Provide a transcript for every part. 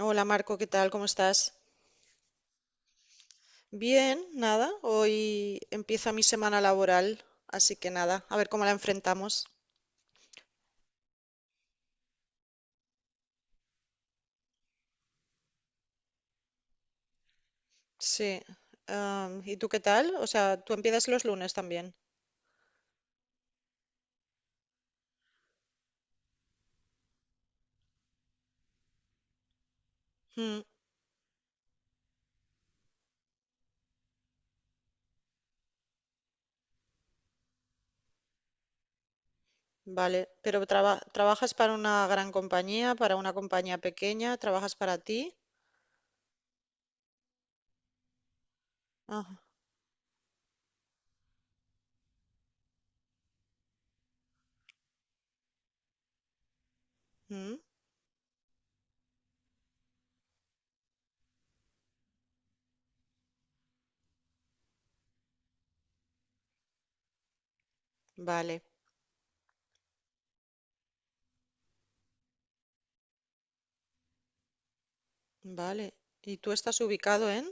Hola Marco, ¿qué tal? ¿Cómo estás? Bien, nada. Hoy empieza mi semana laboral, así que nada, a ver cómo la enfrentamos. Sí. ¿Y tú qué tal? O sea, tú empiezas los lunes también. Mm, vale, pero ¿trabajas para una gran compañía, para una compañía pequeña? ¿Trabajas para ti? Ah, mm, vale, vale. ¿Y tú estás ubicado en?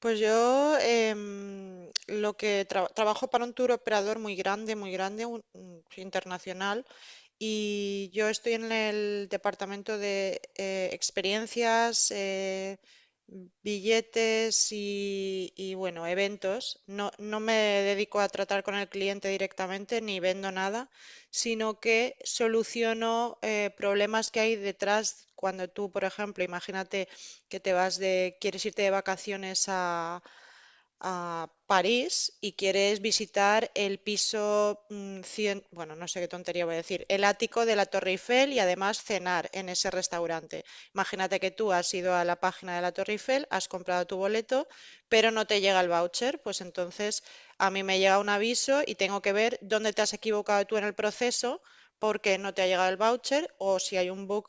Pues yo lo que trabajo para un tour operador muy grande, internacional. Y yo estoy en el departamento de experiencias, billetes y bueno, eventos. No, no me dedico a tratar con el cliente directamente ni vendo nada, sino que soluciono problemas que hay detrás cuando tú, por ejemplo, imagínate que quieres irte de vacaciones a París y quieres visitar el piso 100, bueno, no sé qué tontería voy a decir, el ático de la Torre Eiffel y además cenar en ese restaurante. Imagínate que tú has ido a la página de la Torre Eiffel, has comprado tu boleto, pero no te llega el voucher, pues entonces a mí me llega un aviso y tengo que ver dónde te has equivocado tú en el proceso porque no te ha llegado el voucher o si hay un bug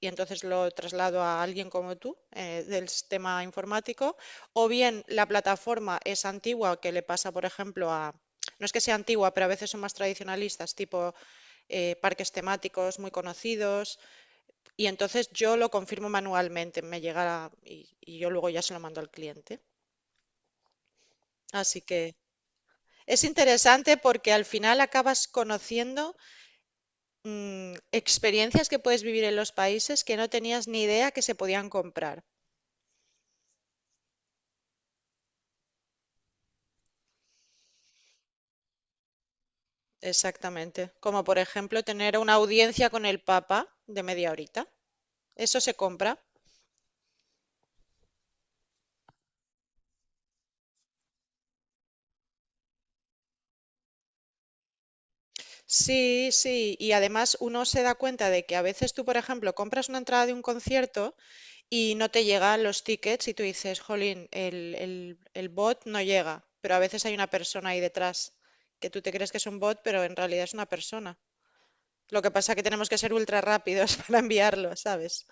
y entonces lo traslado a alguien como tú del sistema informático o bien la plataforma es antigua, que le pasa, por ejemplo, a... No es que sea antigua, pero a veces son más tradicionalistas, tipo parques temáticos muy conocidos. Y entonces yo lo confirmo manualmente, y, yo luego ya se lo mando al cliente. Así que es interesante porque al final acabas conociendo experiencias que puedes vivir en los países que no tenías ni idea que se podían comprar. Exactamente. Como por ejemplo tener una audiencia con el Papa de media horita. Eso se compra. Sí, sí. Y además uno se da cuenta de que a veces tú, por ejemplo, compras una entrada de un concierto y no te llegan los tickets y tú dices, jolín, el bot no llega. Pero a veces hay una persona ahí detrás que tú te crees que es un bot, pero en realidad es una persona. Lo que pasa es que tenemos que ser ultra rápidos para enviarlo, ¿sabes?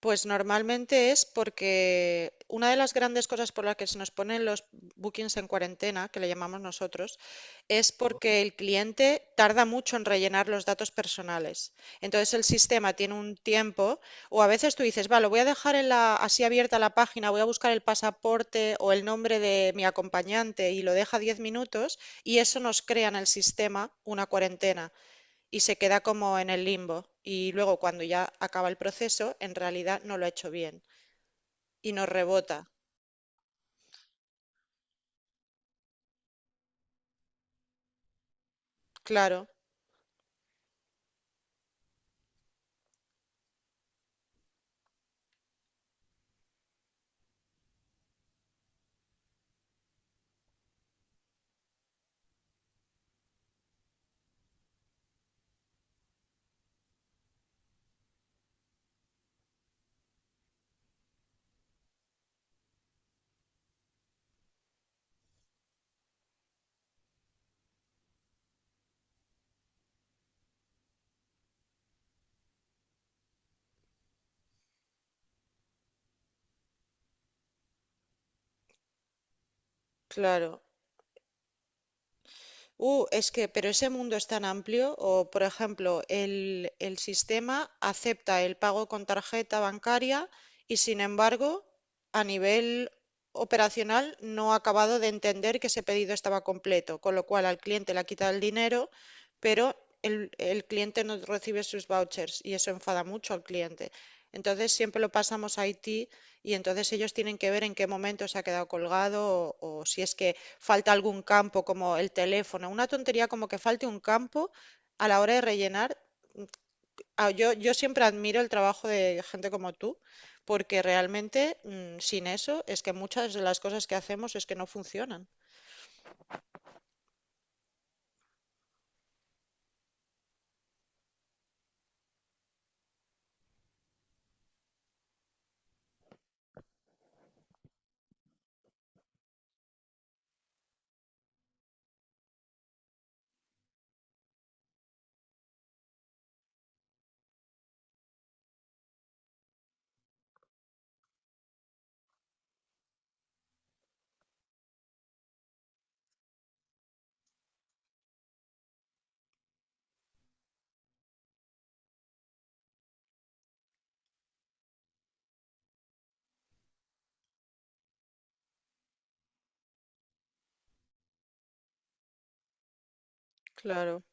Pues normalmente es porque una de las grandes cosas por las que se nos ponen los bookings en cuarentena, que le llamamos nosotros, es porque el cliente tarda mucho en rellenar los datos personales. Entonces el sistema tiene un tiempo, o a veces tú dices, vale, lo voy a dejar en la, así abierta la página, voy a buscar el pasaporte o el nombre de mi acompañante y lo deja 10 minutos y eso nos crea en el sistema una cuarentena y se queda como en el limbo. Y luego cuando ya acaba el proceso, en realidad no lo ha hecho bien y nos rebota. Claro, claro. Es que, pero ese mundo es tan amplio, o por ejemplo, el sistema acepta el pago con tarjeta bancaria y sin embargo, a nivel operacional no ha acabado de entender que ese pedido estaba completo, con lo cual al cliente le ha quitado el dinero, pero el cliente no recibe sus vouchers y eso enfada mucho al cliente. Entonces siempre lo pasamos a IT y entonces ellos tienen que ver en qué momento se ha quedado colgado o si es que falta algún campo como el teléfono, una tontería como que falte un campo a la hora de rellenar. Ah, yo siempre admiro el trabajo de gente como tú, porque realmente sin eso es que muchas de las cosas que hacemos es que no funcionan. Claro,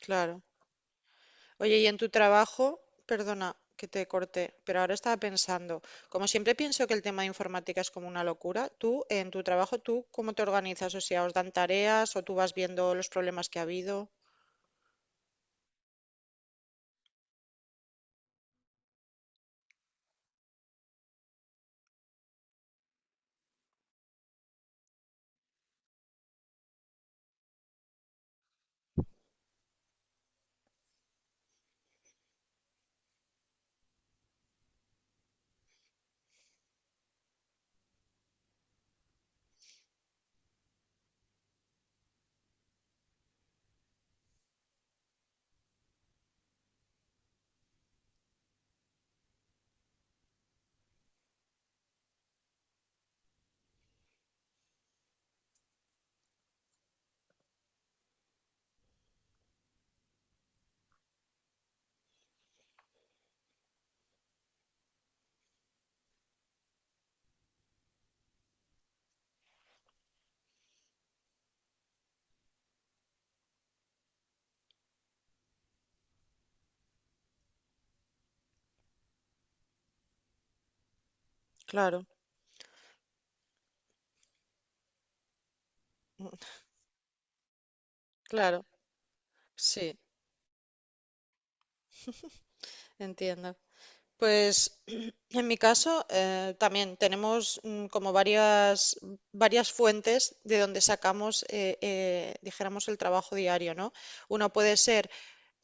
claro. Oye, y en tu trabajo, perdona que te corté, pero ahora estaba pensando, como siempre pienso que el tema de informática es como una locura, tú en tu trabajo, ¿tú cómo te organizas? O sea, ¿os dan tareas o tú vas viendo los problemas que ha habido? Claro, claro. Sí, entiendo. Pues en mi caso también tenemos como varias fuentes de donde sacamos, dijéramos, el trabajo diario, ¿no? Uno puede ser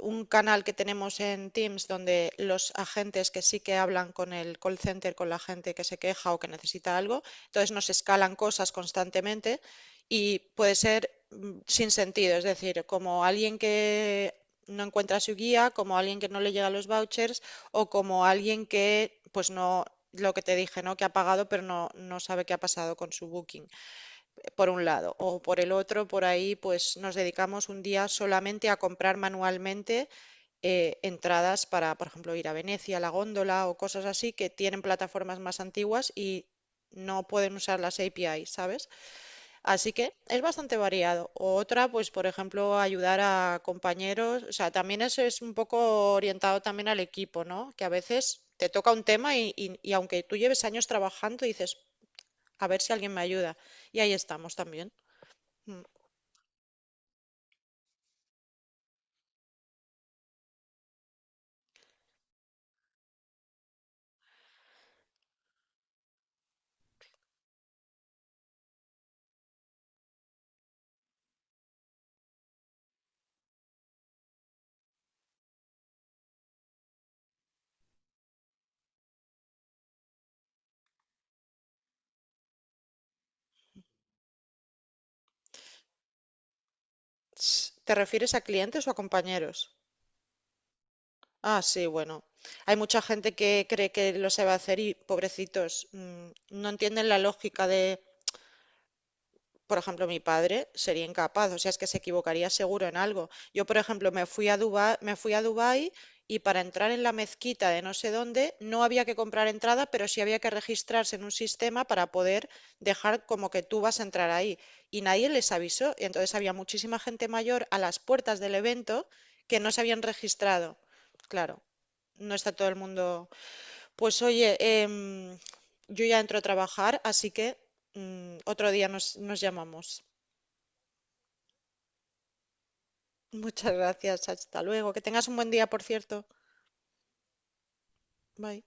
un canal que tenemos en Teams donde los agentes que sí que hablan con el call center, con la gente que se queja o que necesita algo, entonces nos escalan cosas constantemente y puede ser sin sentido, es decir, como alguien que no encuentra su guía, como alguien que no le llega los vouchers, o como alguien que, pues no, lo que te dije, ¿no? Que ha pagado pero no, no sabe qué ha pasado con su booking, por un lado. O por el otro, por ahí, pues nos dedicamos un día solamente a comprar manualmente entradas para, por ejemplo, ir a Venecia, a la góndola o cosas así que tienen plataformas más antiguas y no pueden usar las API, ¿sabes? Así que es bastante variado. O otra, pues por ejemplo, ayudar a compañeros. O sea, también eso es un poco orientado también al equipo, ¿no? Que a veces te toca un tema y aunque tú lleves años trabajando, dices, a ver si alguien me ayuda. Y ahí estamos también. Mm. ¿Te refieres a clientes o a compañeros? Ah, sí, bueno. Hay mucha gente que cree que lo sabe hacer y pobrecitos, no entienden la lógica de, por ejemplo, mi padre sería incapaz, o sea, es que se equivocaría seguro en algo. Yo, por ejemplo, me fui a Dubái y para entrar en la mezquita de no sé dónde no había que comprar entrada, pero sí había que registrarse en un sistema para poder dejar como que tú vas a entrar ahí. Y nadie les avisó, y entonces había muchísima gente mayor a las puertas del evento que no se habían registrado. Claro, no está todo el mundo. Pues oye, yo ya entro a trabajar, así que otro día nos llamamos. Muchas gracias, hasta luego. Que tengas un buen día, por cierto. Bye.